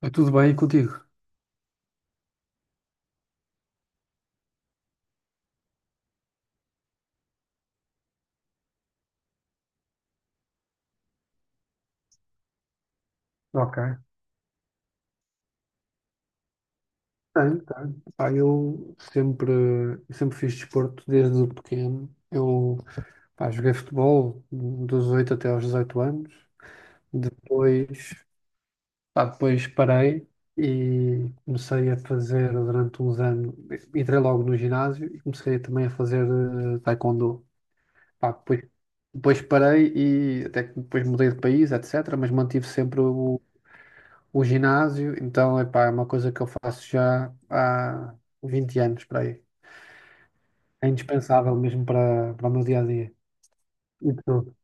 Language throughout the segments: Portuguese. É tudo bem contigo? Ok. Tenho, tenho. Pá, eu sempre fiz desporto desde pequeno. Eu, pá, joguei futebol dos 8 até aos 18 anos. Depois, Pá, depois parei e comecei a fazer durante uns anos. Entrei logo no ginásio e comecei também a fazer taekwondo. Pá, depois parei e até que depois mudei de país, etc. Mas mantive sempre o ginásio, então, epá, é uma coisa que eu faço já há 20 anos para aí. É indispensável mesmo para o meu dia a dia. E tudo.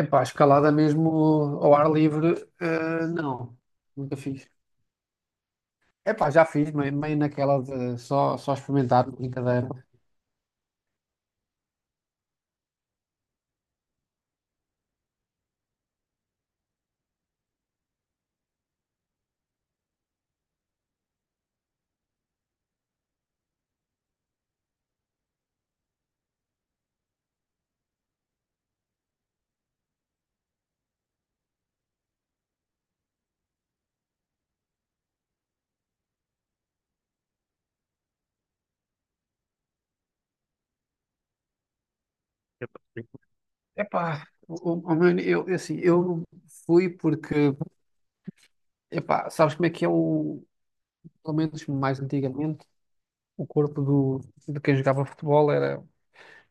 Epá, escalada mesmo ao ar livre, não, nunca fiz. Epá, já fiz, meio naquela de só experimentar, brincadeira. Epá, assim, eu fui porque, epá, sabes como é que é o, pelo menos mais antigamente, o corpo de quem jogava futebol era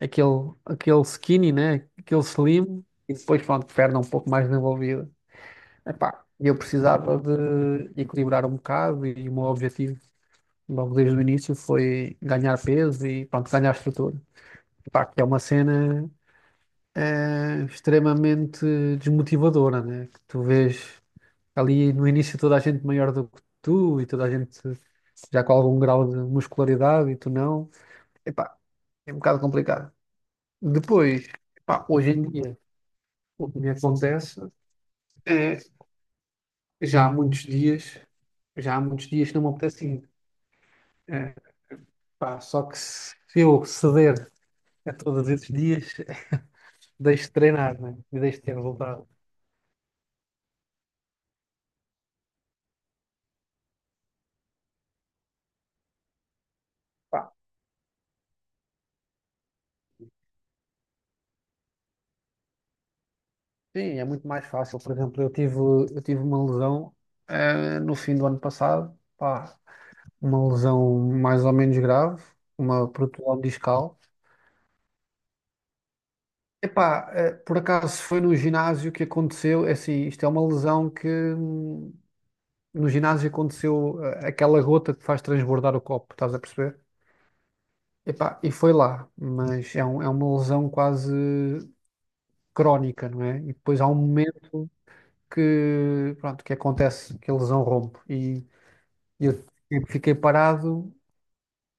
aquele skinny, né? Aquele slim, e depois, pronto, perna um pouco mais desenvolvida. Epá, eu precisava de equilibrar um bocado e o meu objetivo, logo desde o início, foi ganhar peso e, pronto, ganhar estrutura. Epá, que é uma cena extremamente desmotivadora, né? Que tu vês ali no início toda a gente maior do que tu e toda a gente já com algum grau de muscularidade e tu não. Epá, é um bocado complicado. Depois, epá, hoje em dia. O que me acontece é, já há muitos dias, já há muitos dias que não me apetece ir. É, pá, só que se eu ceder a todos esses dias, deixo de treinar, né? E deixo de ter resultado. Pá, sim, é muito mais fácil. Por exemplo, eu tive uma lesão, no fim do ano passado, pá, uma lesão mais ou menos grave, uma protusão discal. Epá, por acaso foi no ginásio que aconteceu, é assim, isto é uma lesão que no ginásio aconteceu aquela gota que faz transbordar o copo, estás a perceber? Epá, e foi lá, mas é, é uma lesão quase crónica, não é? E depois há um momento que, pronto, que acontece que a lesão rompe e eu fiquei parado,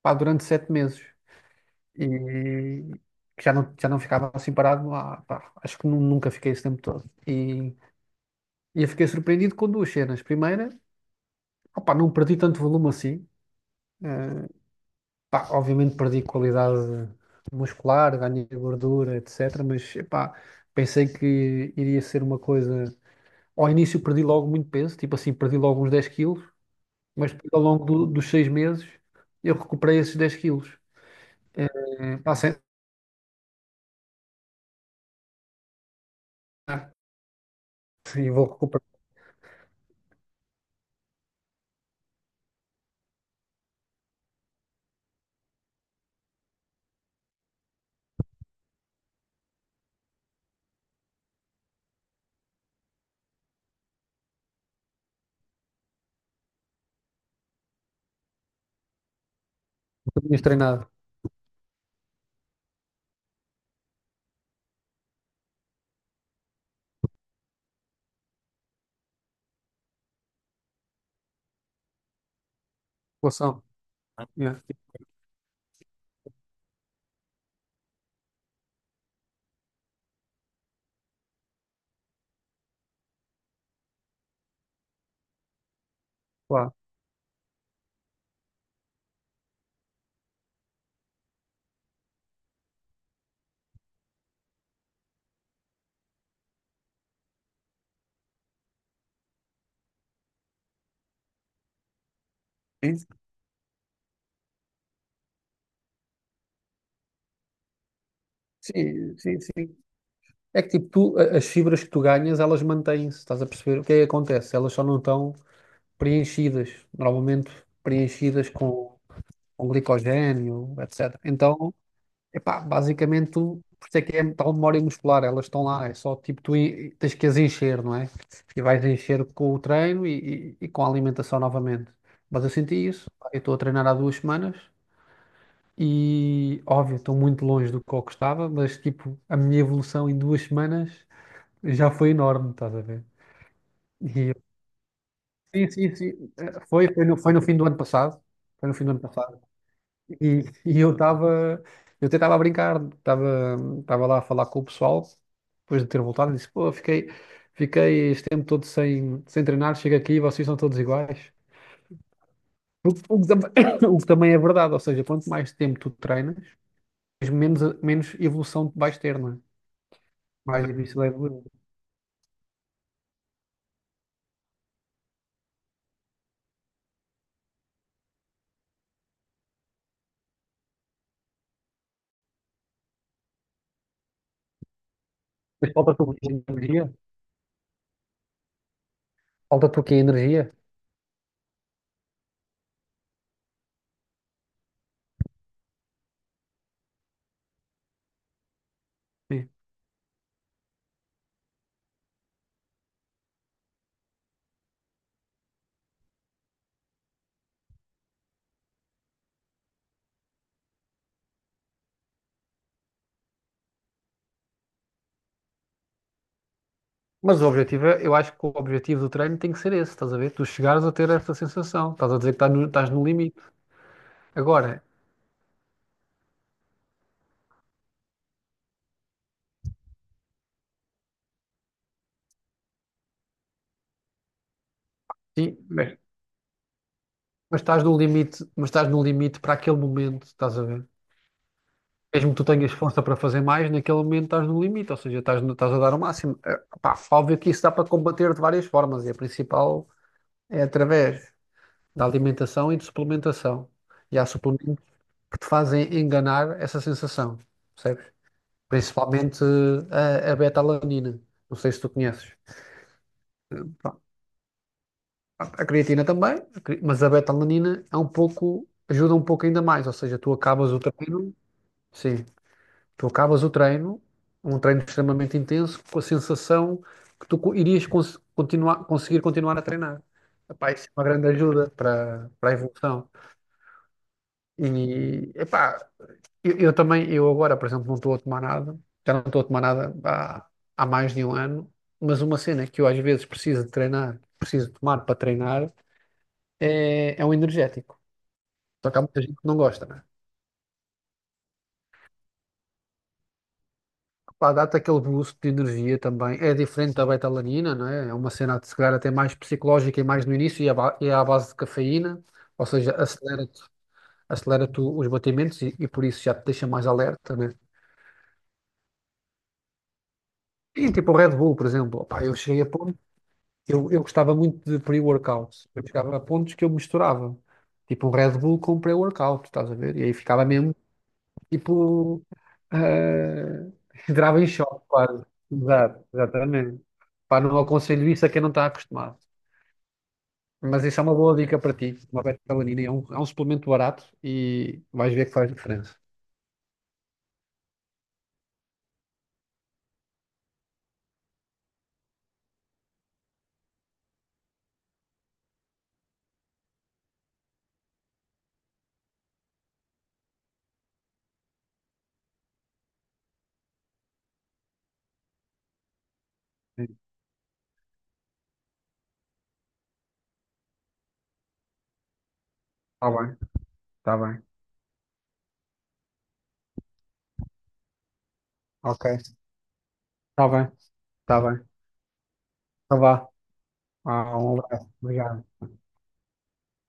pá, durante 7 meses e já não ficava assim parado, lá, pá, acho que nunca fiquei esse tempo todo. E eu fiquei surpreendido com duas cenas. Primeira, opá, não perdi tanto volume assim. eh, Pá, obviamente perdi qualidade muscular, ganhei gordura, etc. Mas epá, pensei que iria ser uma coisa. Ao início perdi logo muito peso, tipo assim, perdi logo uns 10 quilos, mas depois, ao longo dos 6 meses eu recuperei esses 10 quilos. É, pá, sem... E vou recuperar o que tinhas treinado. Relação. Yeah. Claro. Sim, sim, sim. Sim. É que tipo, tu, as fibras que tu ganhas, elas mantêm-se, estás a perceber? O que é que acontece? Elas só não estão preenchidas, normalmente preenchidas com glicogênio, etc. Então, epá, basicamente, por isso é que é tal memória muscular, elas estão lá, é só tipo tens que as encher, não é? E vais encher com o treino e com a alimentação novamente. Mas eu senti isso, pá, eu estou a treinar há 2 semanas. E, óbvio, estou muito longe do que eu gostava, mas, tipo, a minha evolução em 2 semanas já foi enorme, estás a ver? E Sim, sim, sim. Foi, foi no fim do ano passado. Foi no fim do ano passado. E eu estava, eu até estava a brincar, estava lá a falar com o pessoal, depois de ter voltado, e disse, pô, fiquei este tempo todo sem treinar, chego aqui e vocês são todos iguais. O, que o que tam- o que também é verdade, ou seja, quanto mais tempo tu treinas, menos evolução vais ter, não é? Mais difícil é evoluir. Mas falta-te o quê? Energia? Falta-te o quê? Energia? Mas o objetivo é, eu acho que o objetivo do treino tem que ser esse, estás a ver? Tu chegares a ter essa sensação, estás a dizer que estás no limite. Agora, sim, mas estás no limite, mas estás no limite para aquele momento, estás a ver? Mesmo que tu tenhas força para fazer mais, naquele momento estás no limite, ou seja, estás, no- estás a dar o máximo. É, Pá, óbvio que isso dá para combater de várias formas, e a principal é através da alimentação e de suplementação. E há suplementos que te fazem enganar essa sensação, percebes? Principalmente a beta-alanina. Não sei se tu conheces. Pronto. A creatina também, mas a beta-alanina é um pouco, ajuda um pouco ainda mais. Ou seja, tu acabas o treino, sim, tu acabas o treino, um treino extremamente intenso, com a sensação que tu irias conseguir continuar a treinar. Epá, isso é uma grande ajuda para a evolução. E, epá, Eu também, eu agora, por exemplo, não estou a tomar nada, já não estou a tomar nada há, há mais de um ano, mas uma cena que eu às vezes preciso de treinar, preciso tomar para treinar, é um energético. Só que há muita gente que não gosta, né? Pá, dá-te aquele boost de energia também. É diferente da betalanina, não é? É uma cena de se calhar até mais psicológica e mais no início, e é à base de cafeína, ou seja, acelera-te os batimentos e por isso já te deixa mais alerta, né? E tipo o Red Bull, por exemplo. Opá, eu cheguei a pôr Eu gostava muito de pre-workout. Eu chegava a pontos que eu misturava. Tipo um Red Bull com um pre-workout, estás a ver? E aí ficava mesmo, tipo, eh, entrava em choque quase. Exato, exatamente. Pá, não aconselho isso a quem não está acostumado. Mas isso é uma boa dica para ti. Uma beta-alanina é um, suplemento barato e vais ver que faz diferença. Está bem, está bem. Ok, está bem, está bem. Então vá. Ah, um abraço. Obrigado.